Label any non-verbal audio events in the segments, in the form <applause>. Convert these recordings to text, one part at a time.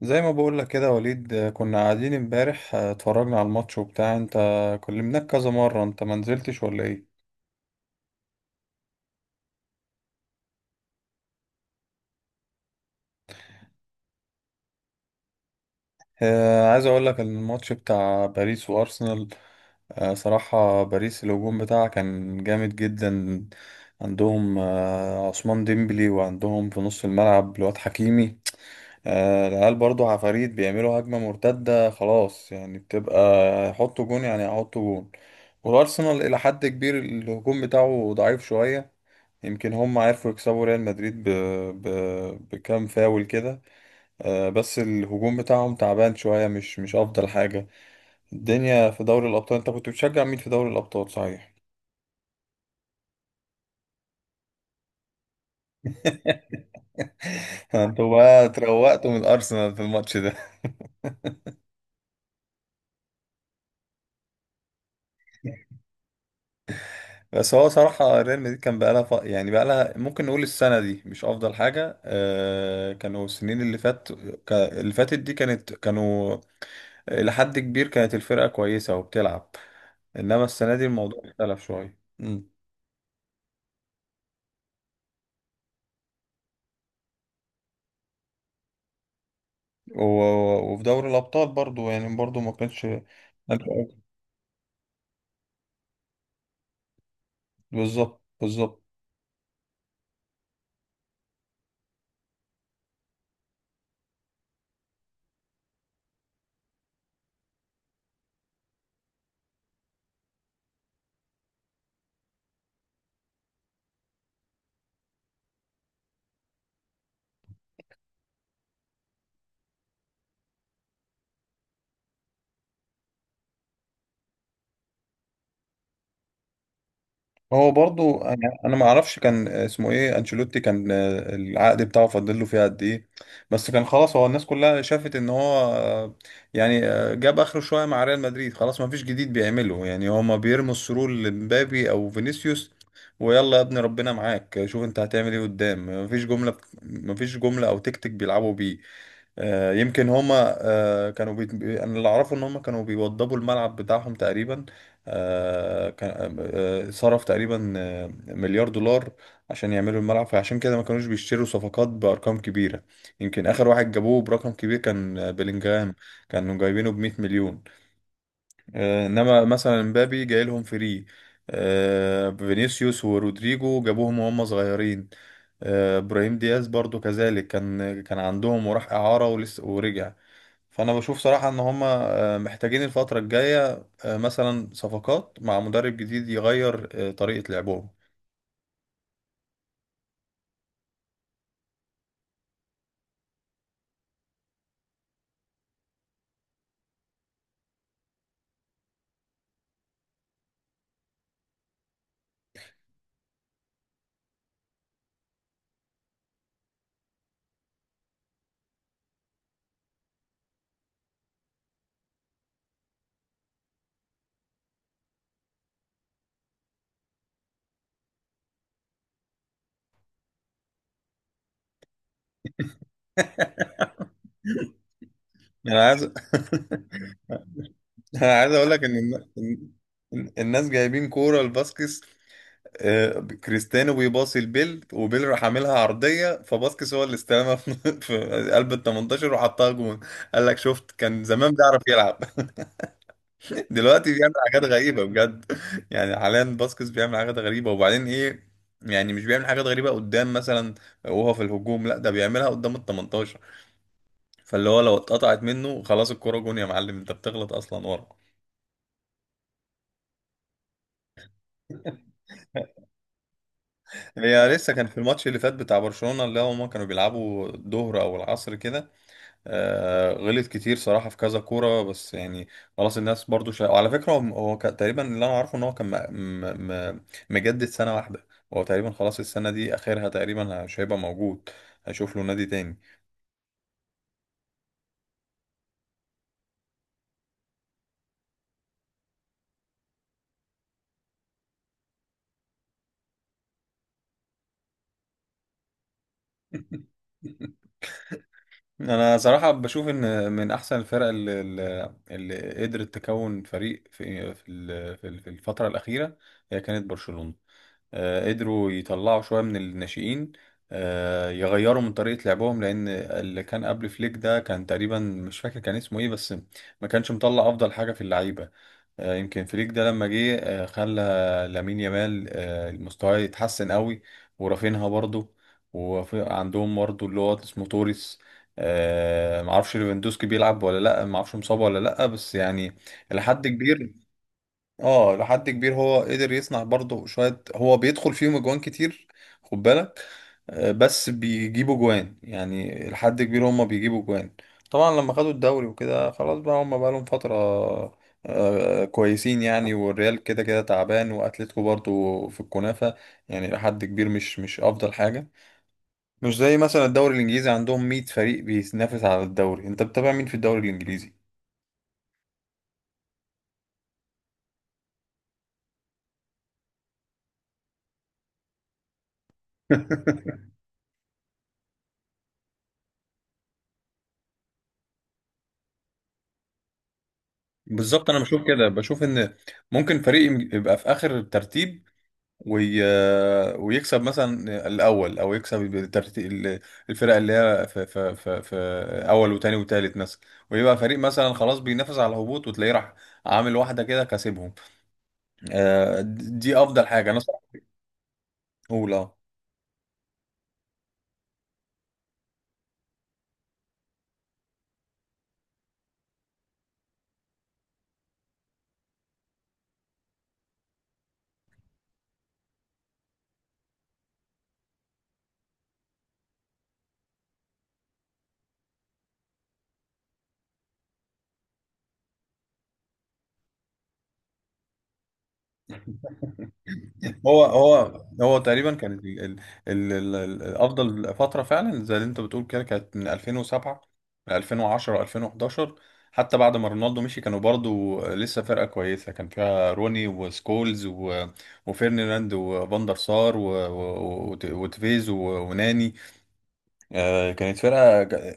زي ما بقول لك كده وليد، كنا قاعدين امبارح، اتفرجنا على الماتش وبتاع. انت كلمناك كذا مرة انت ما نزلتش ولا ايه؟ عايز اقول لك ان الماتش بتاع باريس وارسنال. صراحة باريس الهجوم بتاعها كان جامد جدا. عندهم عثمان ديمبلي، وعندهم في نص الملعب الواد حكيمي. العيال برضو عفاريت، بيعملوا هجمة مرتدة خلاص، يعني بتبقى يحطوا جون، يعني يحطوا جون. والارسنال الى حد كبير الهجوم بتاعه ضعيف شوية. يمكن هم عرفوا يكسبوا ريال مدريد ب... بكام فاول كده. بس الهجوم بتاعهم تعبان شوية، مش أفضل حاجة الدنيا في دوري الأبطال. أنت كنت بتشجع مين في دوري الأبطال صحيح؟ <laughs> أنتوا بقى اتروقتوا من الأرسنال في الماتش ده؟ <laughs> بس هو صراحة ريال مدريد كان بقالها يعني بقالها، ممكن نقول السنة دي مش أفضل حاجة. آه، كانوا السنين اللي اللي فاتت دي، كانوا إلى حد كبير كانت الفرقة كويسة وبتلعب. إنما السنة دي الموضوع اختلف شوية. وفي دوري الأبطال برضو، يعني برضو ما كانش. <laughs> بالظبط، بالظبط. هو برضو أنا أنا ما أعرفش كان اسمه إيه أنشيلوتي، كان العقد بتاعه فاضل له فيه قد إيه، بس كان خلاص هو الناس كلها شافت إن هو، جاب آخره شوية مع ريال مدريد، خلاص ما فيش جديد بيعمله. يعني هما بيرموا السرور لمبابي أو فينيسيوس، ويلا يا ابني ربنا معاك شوف انت هتعمل ايه قدام. مفيش جملة، او تكتيك بيلعبوا بيه. يمكن هما انا اللي اعرفه ان هما كانوا بيوضبوا الملعب بتاعهم تقريبا. آه، كان آه، صرف تقريبا مليار دولار عشان يعملوا الملعب، فعشان كده ما كانوش بيشتروا صفقات بارقام كبيره. يمكن اخر واحد جابوه برقم كبير كان بيلينجهام، كانوا جايبينه ب 100 مليون. انما مثلا مبابي جاي لهم فري. فينيسيوس ورودريجو جابوهم وهم صغيرين. ابراهيم دياز برضو كذلك، كان عندهم وراح اعاره ولسه ورجع. فانا بشوف صراحة ان هما محتاجين الفترة الجاية، مثلا صفقات مع مدرب جديد يغير طريقة لعبهم. يعني انا عايز <laughs> انا عايز اقول لك ان الن- الناس جايبين كورة لباسكس. كريستيانو بيباصي لبيل، وبيل راح عاملها عرضية، فباسكس هو اللي استلمها في <laughs> في قلب ال 18 وحطها جون. قال لك شفت كان زمان بيعرف يلعب، دلوقتي بيعمل حاجات غريبة بجد. <laughs> يعني حاليا باسكس بيعمل حاجات غريبة. وبعدين ايه، يعني مش بيعمل حاجات غريبة قدام مثلا وهو في الهجوم، لا ده بيعملها قدام ال 18، فاللي هو لو اتقطعت منه خلاص الكرة جون يا معلم. انت بتغلط اصلا ورا. هي لسه كان في الماتش اللي فات بتاع برشلونة، اللي هما كانوا بيلعبوا الظهر او العصر كده. غلط كتير صراحة في كذا كورة، بس يعني خلاص الناس برضو وعلى فكرة تقريبا اللي أنا عارفه إن هو كان م... مجدد 1 سنة، هو تقريبا خلاص السنة دي آخرها، تقريبا مش هيبقى موجود، هيشوف له نادي تاني. <laughs> أنا صراحة بشوف إن من أحسن الفرق اللي قدرت تكون فريق في الفترة الأخيرة، هي كانت برشلونة. قدروا يطلعوا شوية من الناشئين، يغيروا من طريقة لعبهم، لأن اللي كان قبل فليك ده كان تقريبا مش فاكر كان اسمه إيه، بس ما كانش مطلع أفضل حاجة في اللعيبة. يمكن فليك ده لما جه خلى لامين يامال مستواه يتحسن قوي، ورافينها برضه، وعندهم برضه اللي هو اسمه توريس. معرفش ليفاندوسكي بيلعب ولا لأ، معرفش مصاب ولا لأ، بس يعني إلى حد كبير. اه لحد كبير هو قدر يصنع برضه شوية، هو بيدخل فيهم اجوان كتير، خد بالك. بس بيجيبوا جوان، يعني لحد كبير هما بيجيبوا جوان. طبعا لما خدوا الدوري وكده خلاص بقى هما بقى لهم فترة كويسين، يعني والريال كده كده تعبان، واتلتيكو برضه في الكنافة، يعني لحد كبير مش افضل حاجة. مش زي مثلا الدوري الانجليزي، عندهم 100 فريق بينافس على الدوري. انت بتتابع مين في الدوري الانجليزي؟ <laughs> بالظبط، انا بشوف كده، بشوف ان ممكن يبقى في اخر الترتيب وي... ويكسب مثلا الاول، او يكسب الترتيب الفرق اللي هي في اول وتاني وتالت مثلا، ويبقى فريق مثلا خلاص بينافس على الهبوط وتلاقيه راح عامل واحده كده كاسبهم. آه، دي افضل حاجه انا صراحه اقول. هو تقريبا كانت افضل فتره فعلا زي اللي انت بتقول كده، كانت من 2007 ل 2010 2011. حتى بعد ما رونالدو مشي كانوا برضو لسه فرقه كويسه، كان فيها روني وسكولز وفيرناند وفاندر سار وتيفيز وناني. آه، كانت فرقة ج-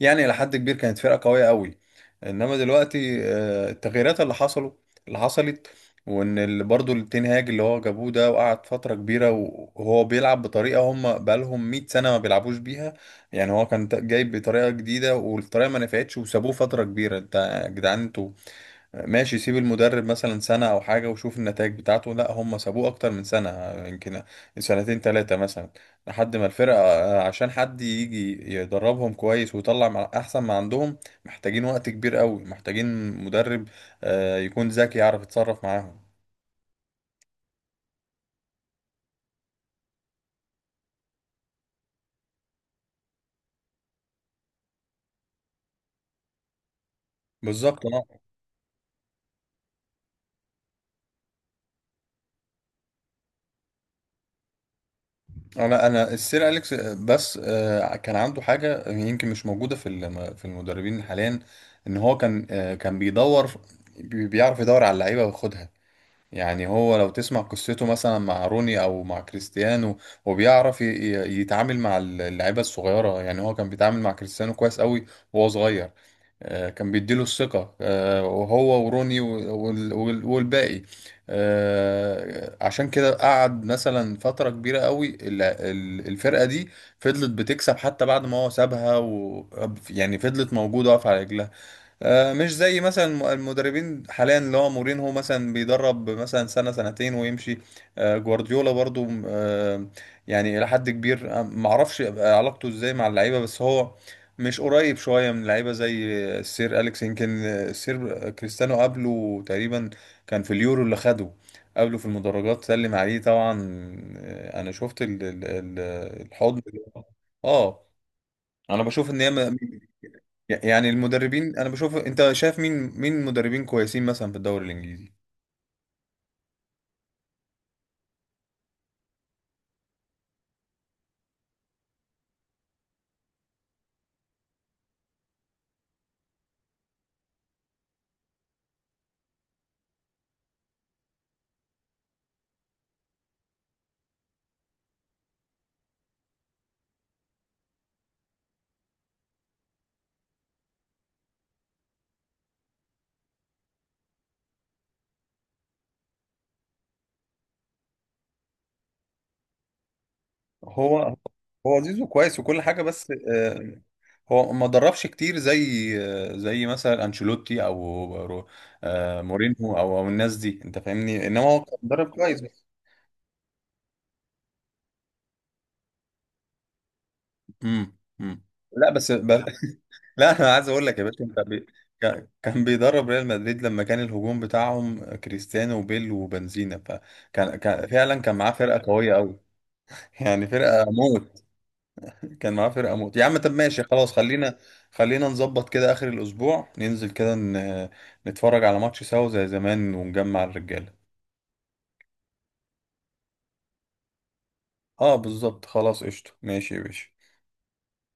يعني إلى حد كبير كانت فرقة قوية قوي. إنما دلوقتي التغييرات اللي حصلت، وإن برضو التنهاج اللي هو جابوه ده وقعد فترة كبيرة وهو بيلعب بطريقة هم بقالهم 100 سنة ما بيلعبوش بيها. يعني هو كان جايب بطريقة جديدة، والطريقة ما نفعتش، وسابوه فترة كبيرة. أنت يا جدعان أنتوا ماشي سيب المدرب مثلا سنة أو حاجة وشوف النتائج بتاعته، لا هم سابوه أكتر من سنة، يمكن سنتين تلاتة مثلا، لحد ما الفرقة آه، عشان حد يجي يدربهم كويس ويطلع مع أحسن ما عندهم. محتاجين وقت كبير قوي، محتاجين مدرب يكون ذكي يعرف يتصرف معاهم. بالظبط اه. لا انا السير اليكس، آه، بس آه، كان عنده حاجه يمكن مش موجوده في في المدربين حاليا، ان هو كان بيدور، بيعرف يدور على اللعيبه وياخدها. يعني هو لو تسمع قصته مثلا مع روني او مع كريستيانو، هو بيعرف يتعامل مع اللعيبه الصغيره. يعني هو كان بيتعامل مع كريستيانو كويس قوي وهو صغير، كان بيديله الثقه، وهو وروني والباقي. عشان كده قعد مثلا فتره كبيره قوي، الفرقه دي فضلت بتكسب حتى بعد ما هو سابها، و يعني فضلت موجوده واقفه على رجلها. مش زي مثلا المدربين حاليا، اللي هو مورينهو مثلا بيدرب مثلا سنة سنتين ويمشي. جوارديولا برضو يعني إلى حد كبير معرفش يبقى علاقته ازاي مع اللعيبة، بس هو مش قريب شوية من اللعيبة زي السير أليكس. يمكن السير كريستيانو قبله تقريبا، كان في اليورو اللي خده قبله في المدرجات سلم عليه طبعا. أنا شفت الحضن اه. انا بشوف ان هي يعني المدربين، انا بشوف انت شايف مين، مين مدربين كويسين مثلا في الدوري الانجليزي. هو هو زيزو كويس وكل حاجه، بس هو ما دربش كتير زي زي مثلا انشيلوتي او مورينهو أو الناس دي، انت فاهمني، انما هو كان مدرب كويس بس. امم. لا بس <laughs> لا انا عايز اقول لك يا باشا كان بيدرب ريال مدريد لما كان الهجوم بتاعهم كريستيانو وبيل وبنزينا، فكان كان فعلا كان معاه فرقه قويه قوي، يعني فرقة موت. كان معاه فرقة موت يا عم. طب ماشي خلاص، خلينا نظبط كده آخر الأسبوع ننزل كده نتفرج على ماتش سوا زي زمان ونجمع الرجالة. اه بالظبط، خلاص قشطة، ماشي يا باشا.